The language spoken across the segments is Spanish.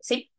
Sí.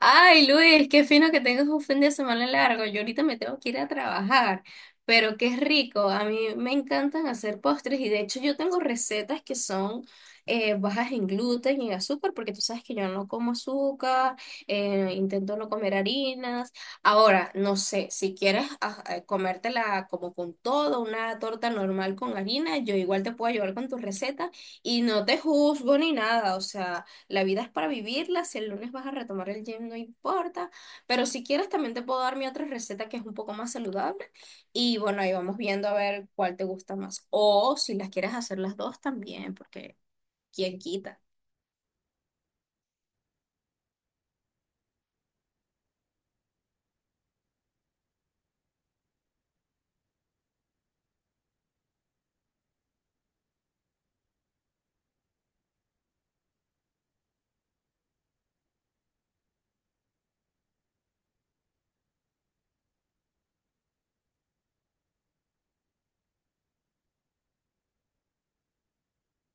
Ay, Luis, qué fino que tengas un fin de semana largo. Yo ahorita me tengo que ir a trabajar, pero qué rico. A mí me encantan hacer postres y de hecho yo tengo recetas que son bajas en gluten y en azúcar, porque tú sabes que yo no como azúcar, intento no comer harinas. Ahora, no sé, si quieres comértela como con todo, una torta normal con harina, yo igual te puedo ayudar con tu receta y no te juzgo ni nada, o sea. La vida es para vivirla, si el lunes vas a retomar el gym, no importa, pero si quieres también te puedo dar mi otra receta que es un poco más saludable y bueno, ahí vamos viendo a ver cuál te gusta más o si las quieres hacer las dos también, porque quién quita.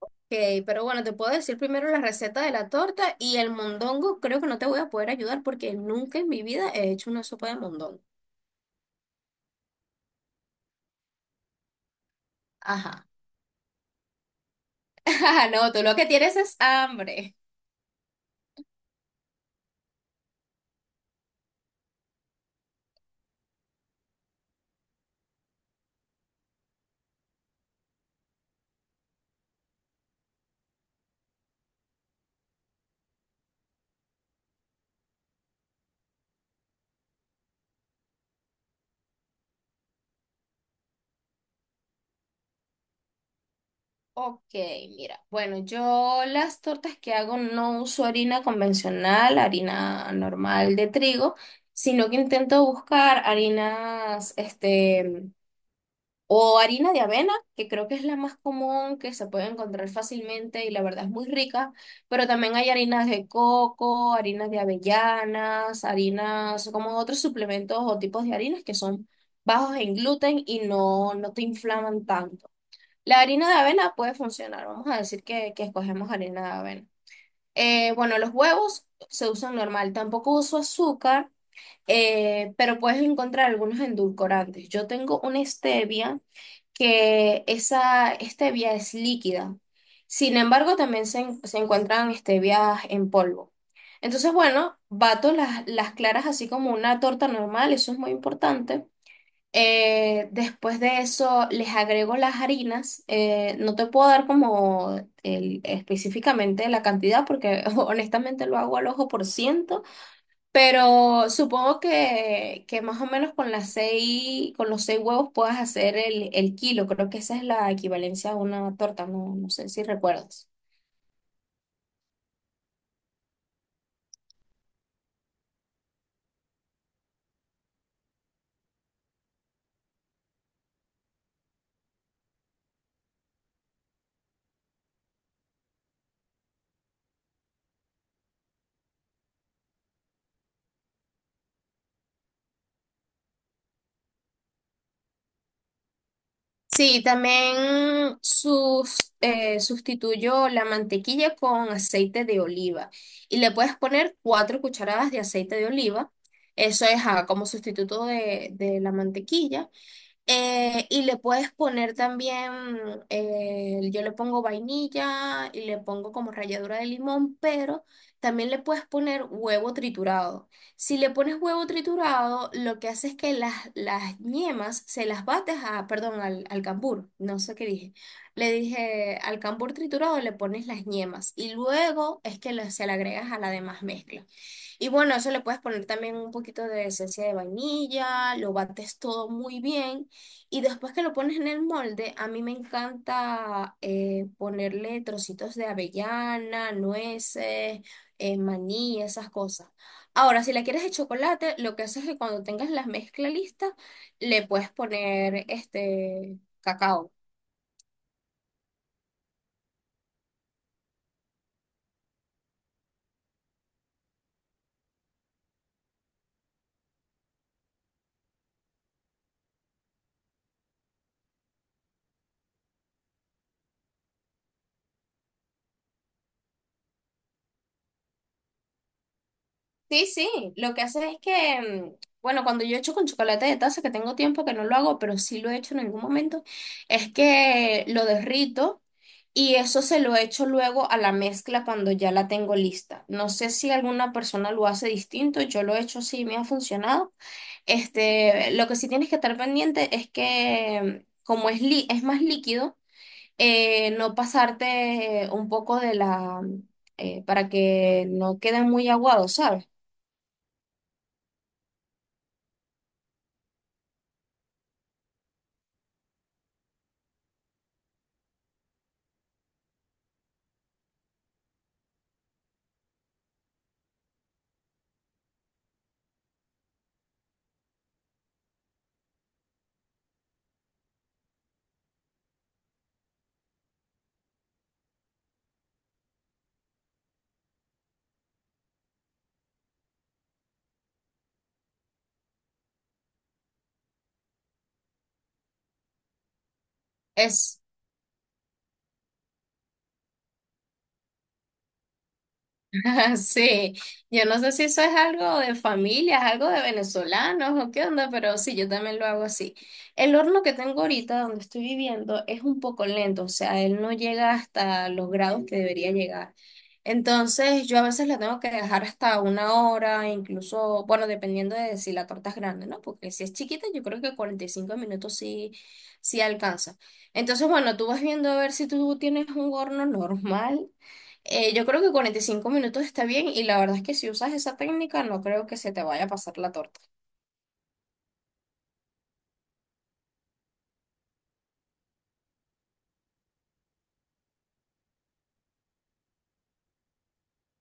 Ok, pero bueno, te puedo decir primero la receta de la torta y el mondongo creo que no te voy a poder ayudar porque nunca en mi vida he hecho una sopa de mondongo. Ajá. No, tú lo que tienes es hambre. Ok, mira, bueno, yo las tortas que hago no uso harina convencional, harina normal de trigo, sino que intento buscar harinas, o harina de avena, que creo que es la más común, que se puede encontrar fácilmente y la verdad es muy rica, pero también hay harinas de coco, harinas de avellanas, harinas como otros suplementos o tipos de harinas que son bajos en gluten y no, no te inflaman tanto. La harina de avena puede funcionar, vamos a decir que escogemos harina de avena. Bueno, los huevos se usan normal, tampoco uso azúcar, pero puedes encontrar algunos endulcorantes. Yo tengo una stevia que esa stevia es líquida, sin embargo también se encuentran stevias en polvo. Entonces, bueno, bato las claras así como una torta normal, eso es muy importante. Después de eso les agrego las harinas. No te puedo dar como específicamente la cantidad porque honestamente lo hago al ojo por ciento, pero supongo que más o menos con con los 6 huevos puedas hacer el kilo. Creo que esa es la equivalencia a una torta, no, no sé si recuerdas. Sí, también sustituyo la mantequilla con aceite de oliva y le puedes poner 4 cucharadas de aceite de oliva. Eso es como sustituto de la mantequilla. Y le puedes poner también, yo le pongo vainilla y le pongo como ralladura de limón, pero también le puedes poner huevo triturado. Si le pones huevo triturado, lo que hace es que las yemas se las bates a, perdón, al cambur, no sé qué dije. Le dije al cambur triturado le pones las yemas y luego es que se le agregas a la demás mezcla. Y bueno, eso le puedes poner también un poquito de esencia de vainilla, lo bates todo muy bien. Y después que lo pones en el molde, a mí me encanta ponerle trocitos de avellana, nueces, maní, esas cosas. Ahora, si la quieres de chocolate, lo que haces es que cuando tengas la mezcla lista, le puedes poner este cacao. Sí, sí, lo que hace es que, bueno, cuando yo echo con chocolate de taza, que tengo tiempo que no lo hago, pero sí lo he hecho en algún momento, es que lo derrito y eso se lo echo luego a la mezcla cuando ya la tengo lista. No sé si alguna persona lo hace distinto, yo lo he hecho así, me ha funcionado. Este, lo que sí tienes que estar pendiente es que, como es, es más líquido, no pasarte un poco de la, para que no quede muy aguado, ¿sabes? Es, sí, yo no sé si eso es algo de familia, es algo de venezolanos o qué onda, pero sí, yo también lo hago así. El horno que tengo ahorita donde estoy viviendo es un poco lento, o sea, él no llega hasta los grados que debería llegar. Entonces, yo a veces la tengo que dejar hasta una hora, incluso, bueno, dependiendo de si la torta es grande, ¿no? Porque si es chiquita, yo creo que 45 minutos sí, sí alcanza. Entonces, bueno, tú vas viendo a ver si tú tienes un horno normal. Yo creo que 45 minutos está bien y la verdad es que si usas esa técnica no creo que se te vaya a pasar la torta.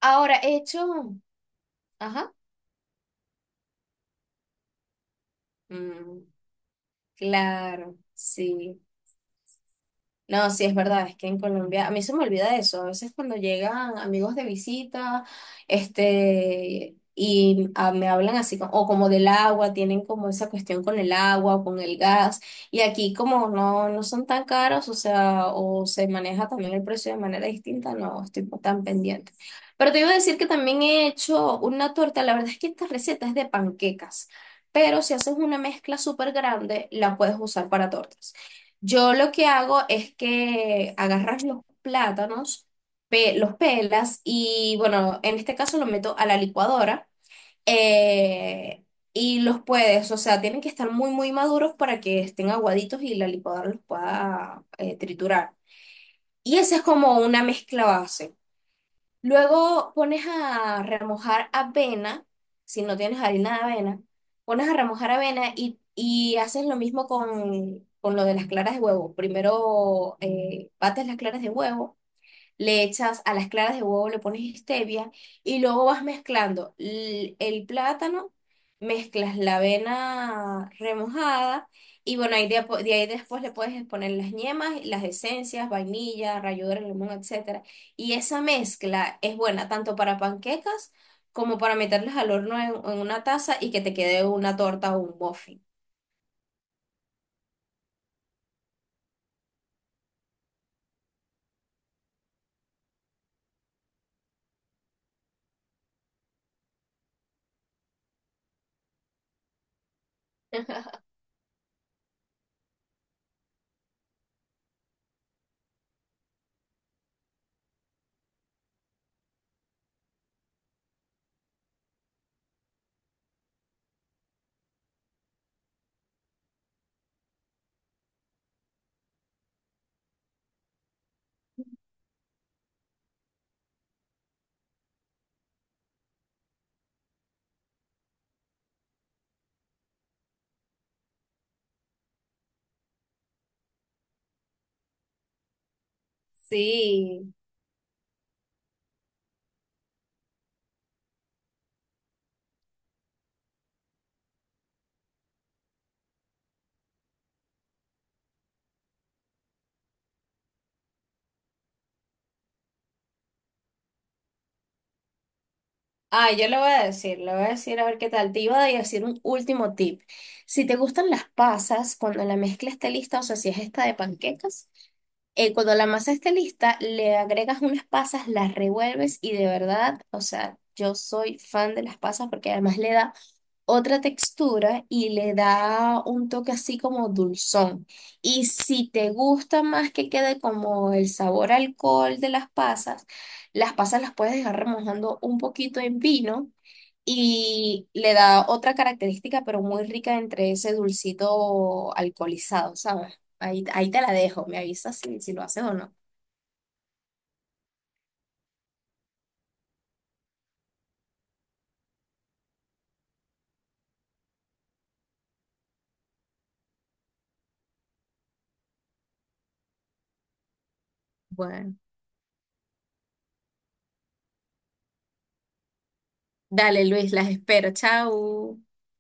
Ahora, hecho. Ajá. Mm, claro, sí. No, sí, es verdad, es que en Colombia, a mí se me olvida eso, a veces cuando llegan amigos de visita, me hablan así, o como del agua, tienen como esa cuestión con el agua o con el gas, y aquí como no, no son tan caros, o sea, o se maneja también el precio de manera distinta, no estoy tan pendiente. Pero te iba a decir que también he hecho una torta, la verdad es que esta receta es de panquecas, pero si haces una mezcla súper grande, la puedes usar para tortas. Yo lo que hago es que agarras los plátanos, los pelas y bueno, en este caso los meto a la licuadora eh, y los puedes, o sea, tienen que estar muy, muy maduros para que estén aguaditos y la licuadora los pueda triturar. Y esa es como una mezcla base. Luego pones a remojar avena, si no tienes harina de avena, pones a remojar avena y haces lo mismo con lo de las claras de huevo. Primero bates las claras de huevo, le echas a las claras de huevo, le pones stevia y luego vas mezclando el plátano, mezclas la avena remojada y bueno, ahí de ahí después le puedes poner las yemas, las esencias, vainilla, ralladura de limón, etcétera. Y esa mezcla es buena tanto para panquecas como para meterlas al horno en una taza y que te quede una torta o un muffin. Sí. Ah, yo le voy a decir a ver qué tal. Te iba a decir un último tip. Si te gustan las pasas, cuando la mezcla esté lista, o sea, si es esta de panquecas, cuando la masa esté lista, le agregas unas pasas, las revuelves y de verdad, o sea, yo soy fan de las pasas porque además le da otra textura y le da un toque así como dulzón. Y si te gusta más que quede como el sabor a alcohol de las pasas, las pasas las puedes dejar remojando un poquito en vino y le da otra característica, pero muy rica entre ese dulcito alcoholizado, ¿sabes? Ahí, ahí te la dejo, me avisas si, si lo haces o no. Bueno, dale Luis, las espero, chao.